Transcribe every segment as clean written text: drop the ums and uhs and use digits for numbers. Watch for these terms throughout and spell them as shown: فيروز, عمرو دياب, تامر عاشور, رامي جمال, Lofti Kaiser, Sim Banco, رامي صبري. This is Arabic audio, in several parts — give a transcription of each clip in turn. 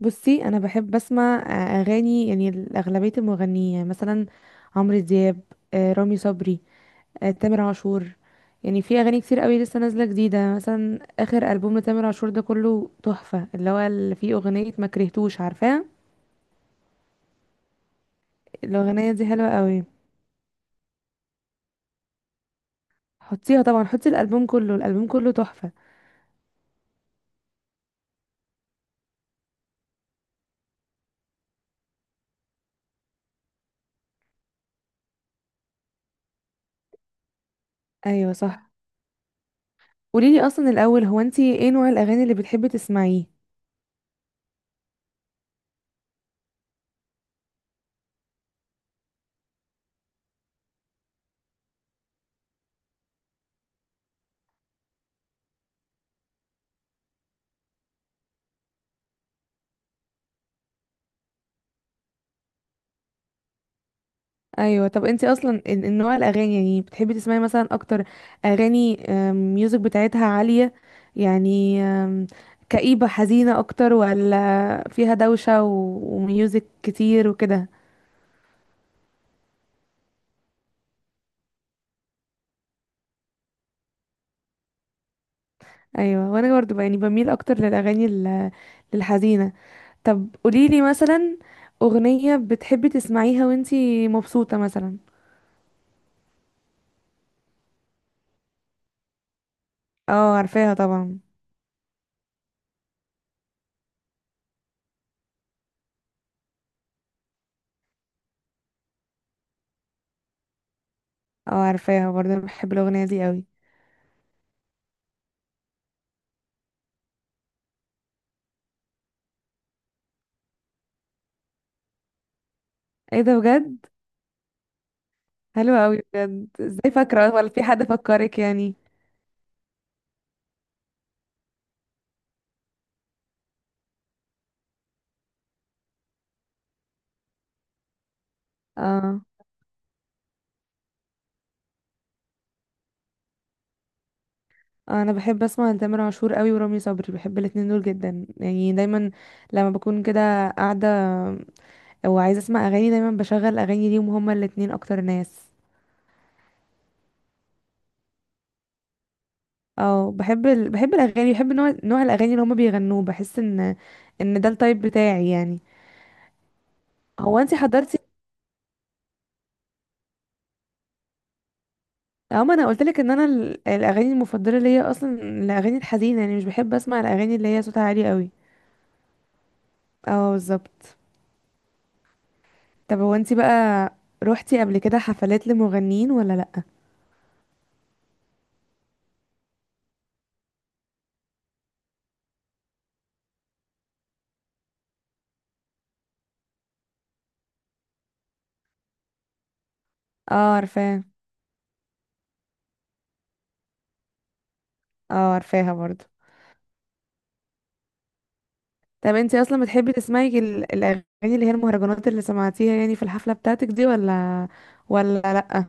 بصي انا بحب اسمع اغاني. يعني اغلبيه المغنيين يعني مثلا عمرو دياب، رامي صبري، تامر عاشور. يعني في اغاني كتير قوي لسه نازله جديده، مثلا اخر البوم لتامر عاشور ده كله تحفه، اللي هو اللي فيه اغنيه ما كرهتوش، عارفاه؟ الاغنيه دي حلوه قوي. حطيها طبعا، حطي الالبوم كله، الالبوم كله تحفه. ايوه صح. قوليلي اصلا الاول، هو انتي ايه نوع الاغاني اللي بتحبي تسمعيه؟ ايوه. طب انت اصلا النوع الاغاني يعني بتحبي تسمعي مثلا اكتر؟ اغاني ميوزك بتاعتها عاليه يعني، كئيبه حزينه اكتر، ولا فيها دوشه وميوزك كتير وكده؟ ايوه، وانا برضو يعني بميل اكتر للاغاني للحزينه. طب قوليلي مثلا اغنيه بتحبي تسمعيها وانت مبسوطه مثلا. اه عارفاها طبعا. اه عارفاها برضه، أنا بحب الاغنيه دي قوي. ايه ده، بجد؟ حلو قوي بجد. ازاي فاكره، ولا في حد فكرك يعني؟ اه انا بحب اسمع تامر عاشور قوي ورامي صبري، بحب الاتنين دول جدا يعني. دايما لما بكون كده قاعده وعايزه اسمع اغاني دايما بشغل اغاني ليهم، هما الاتنين اكتر ناس. اه بحب بحب الاغاني، بحب نوع الاغاني اللي هما بيغنوه، بحس ان ان ده التايب بتاعي يعني. هو انت حضرتي. اه ما انا قلت لك ان انا الاغاني المفضله ليا اصلا الاغاني الحزينه يعني، مش بحب اسمع الاغاني اللي هي صوتها عالي قوي. اه بالظبط. طب هو انتي بقى روحتي قبل كده حفلات لمغنيين ولا لأ؟ اه عارفاه. اه عارفاها برضو. طب انتي اصلا بتحبي تسمعي الاغاني اللي هي المهرجانات اللي سمعتيها يعني في الحفلة بتاعتك دي، ولا لأ؟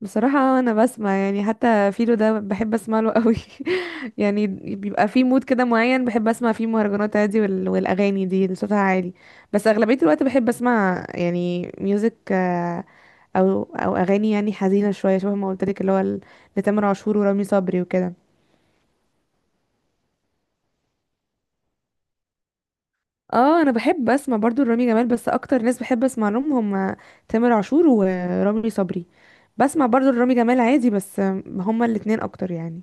بصراحة أنا بسمع، يعني حتى فيلو ده بحب أسمع له قوي يعني. بيبقى في مود كده معين بحب أسمع فيه مهرجانات عادي والأغاني دي اللي صوتها عالي. بس أغلبية الوقت بحب أسمع يعني ميوزك، أو أغاني يعني حزينة شوية، شبه ما قلتلك اللي هو لتامر عاشور ورامي صبري وكده. اه انا بحب اسمع برضو رامي جمال، بس اكتر ناس بحب اسمع لهم هم تامر عاشور ورامي صبري. بسمع برضو رامي جمال عادي بس هم الاتنين اكتر يعني.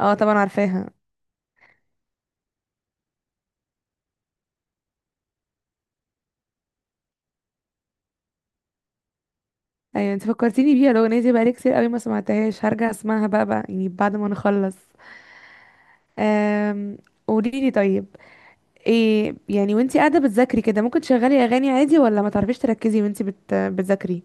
اه طبعا عارفاها. ايوه انت فكرتيني بيها، الاغنيه دي بقالي كتير قوي ما سمعتهاش، هرجع اسمعها بقى يعني بعد ما نخلص. أم... قولي لي طيب، ايه يعني وانتي قاعده بتذاكري كده ممكن تشغلي اغاني عادي، ولا ما تعرفيش تركزي وانتي بتذاكري؟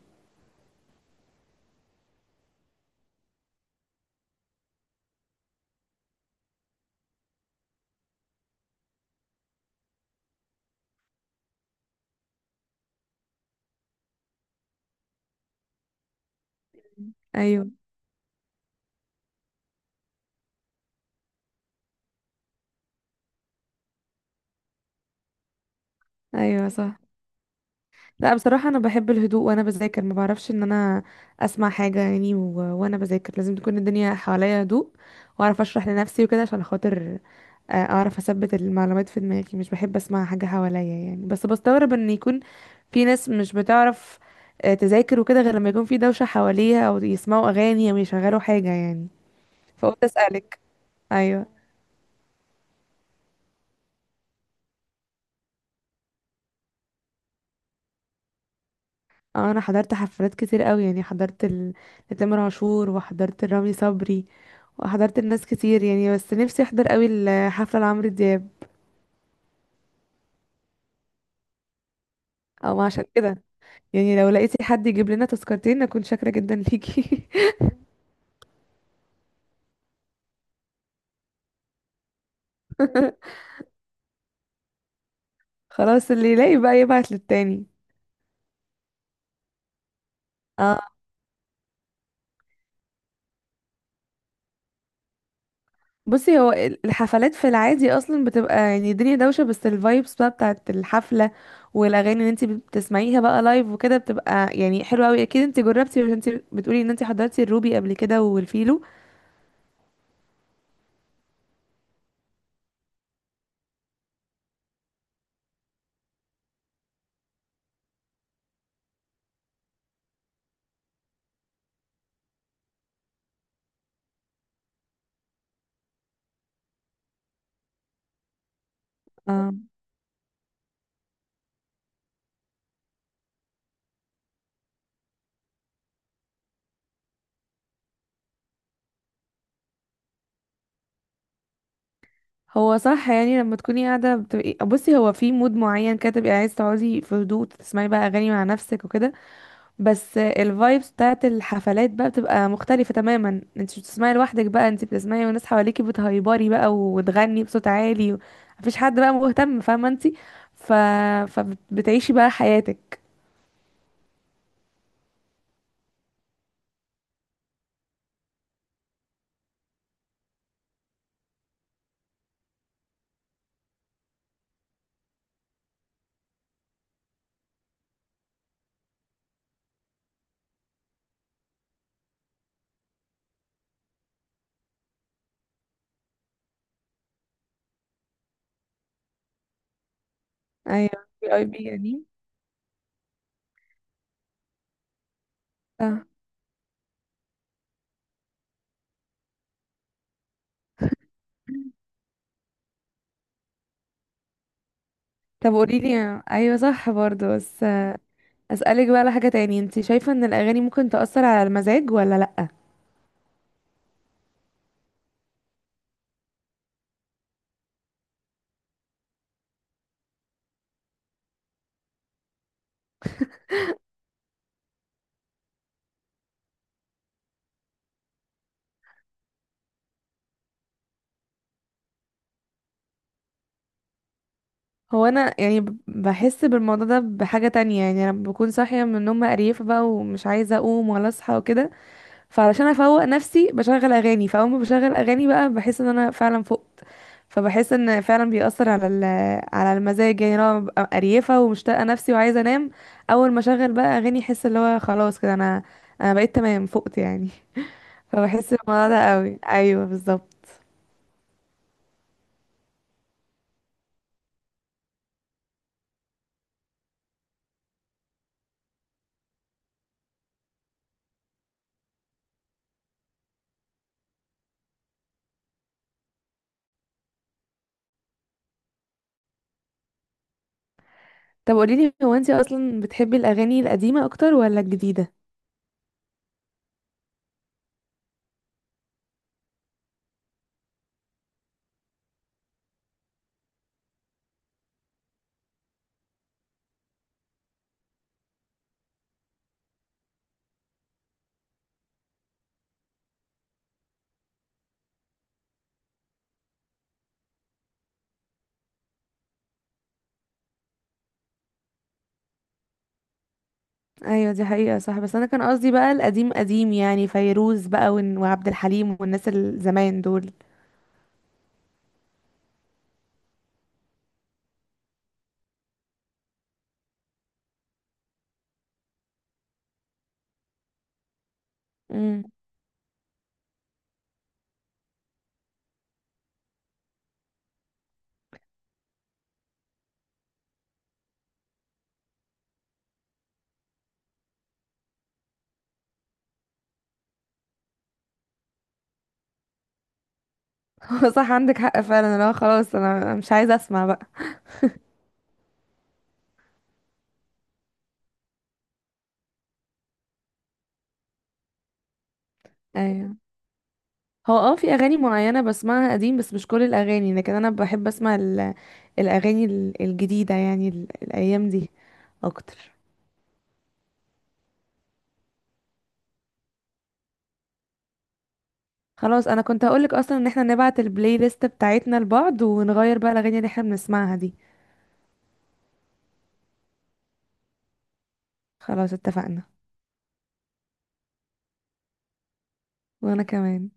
ايوه. ايوه صح. لا بصراحه انا بحب الهدوء وانا بذاكر، ما بعرفش ان انا اسمع حاجه يعني. وانا بذاكر لازم تكون الدنيا حواليا هدوء، واعرف اشرح لنفسي وكده عشان خاطر اعرف اثبت المعلومات في دماغي. مش بحب اسمع حاجة حواليا يعني. بس بستغرب ان يكون في ناس مش بتعرف تذاكر وكده غير لما يكون في دوشة حواليها، او يسمعوا اغاني او يشغلوا حاجة يعني. فقلت اسألك. ايوه. انا حضرت حفلات كتير قوي يعني. حضرت لتامر عاشور، وحضرت لرامي صبري، وحضرت الناس كتير يعني، بس نفسي احضر قوي الحفلة لعمرو دياب او عشان كده. يعني لو لقيتي حد يجيب لنا تذكرتين اكون شاكرة جدا ليكي. خلاص اللي يلاقي بقى يبعت للتاني. اه. بصي هو الحفلات في العادي اصلا بتبقى يعني الدنيا دوشه، بس الفايبس بقى بتاعت الحفله والاغاني اللي انت بتسمعيها بقى لايف وكده بتبقى يعني حلوه قوي. اكيد انت جربتي عشان انت بتقولي ان انت حضرتي الروبي قبل كده والفيلو. اه. هو صح يعني، لما تكوني قاعده بتبقي، بصي هو في مود معين كده تبقي عايز تقعدي في هدوء تسمعي بقى اغاني مع نفسك وكده. بس الفايبس بتاعت الحفلات بقى بتبقى مختلفة تماما. انت مش بتسمعي لوحدك بقى، انت بتسمعي وناس حواليكي بتهيبري بقى وتغني بصوت عالي، مفيش حد بقى مهتم، فاهمة انت؟ ف... فبتعيشي بقى حياتك. ايوه، في اي بي يعني. اه. طب قوليلي، ايوه صح برضه، بس اسألك بقى على حاجة تاني، انت شايفة ان الاغاني ممكن تأثر على المزاج ولا لا؟ هو انا يعني بحس بالموضوع ده بحاجة تانية يعني. انا بكون صاحية من النوم مقريفة بقى ومش عايزة اقوم ولا اصحى وكده، فعلشان افوق نفسي بشغل اغاني، فاول ما بشغل اغاني بقى بحس ان انا فعلا فقت. فبحس ان فعلا بيأثر على على المزاج يعني. انا ببقى قريفه ومشتاقه نفسي وعايزه انام، اول ما اشغل بقى اغاني احس اللي هو خلاص كده انا بقيت تمام، فقت يعني. فبحس بالموضوع ده قوي. ايوه بالظبط. طب قوليلي، هو انتي اصلا بتحبي الاغاني القديمه اكتر ولا الجديده؟ ايوه دي حقيقه صح، بس انا كان قصدي بقى القديم قديم يعني، فيروز بقى وعبد الحليم والناس الزمان دول. هو صح، عندك حق فعلا. لا خلاص انا مش عايزه اسمع بقى. ايوه. هو اه في اغاني معينه بسمعها قديم، بس مش كل الاغاني. لكن انا بحب اسمع الاغاني الجديده يعني الايام دي اكتر. خلاص انا كنت هقولك اصلا ان احنا نبعت البلاي ليست بتاعتنا لبعض ونغير بقى الاغاني اللي احنا بنسمعها دي. خلاص اتفقنا. وانا كمان.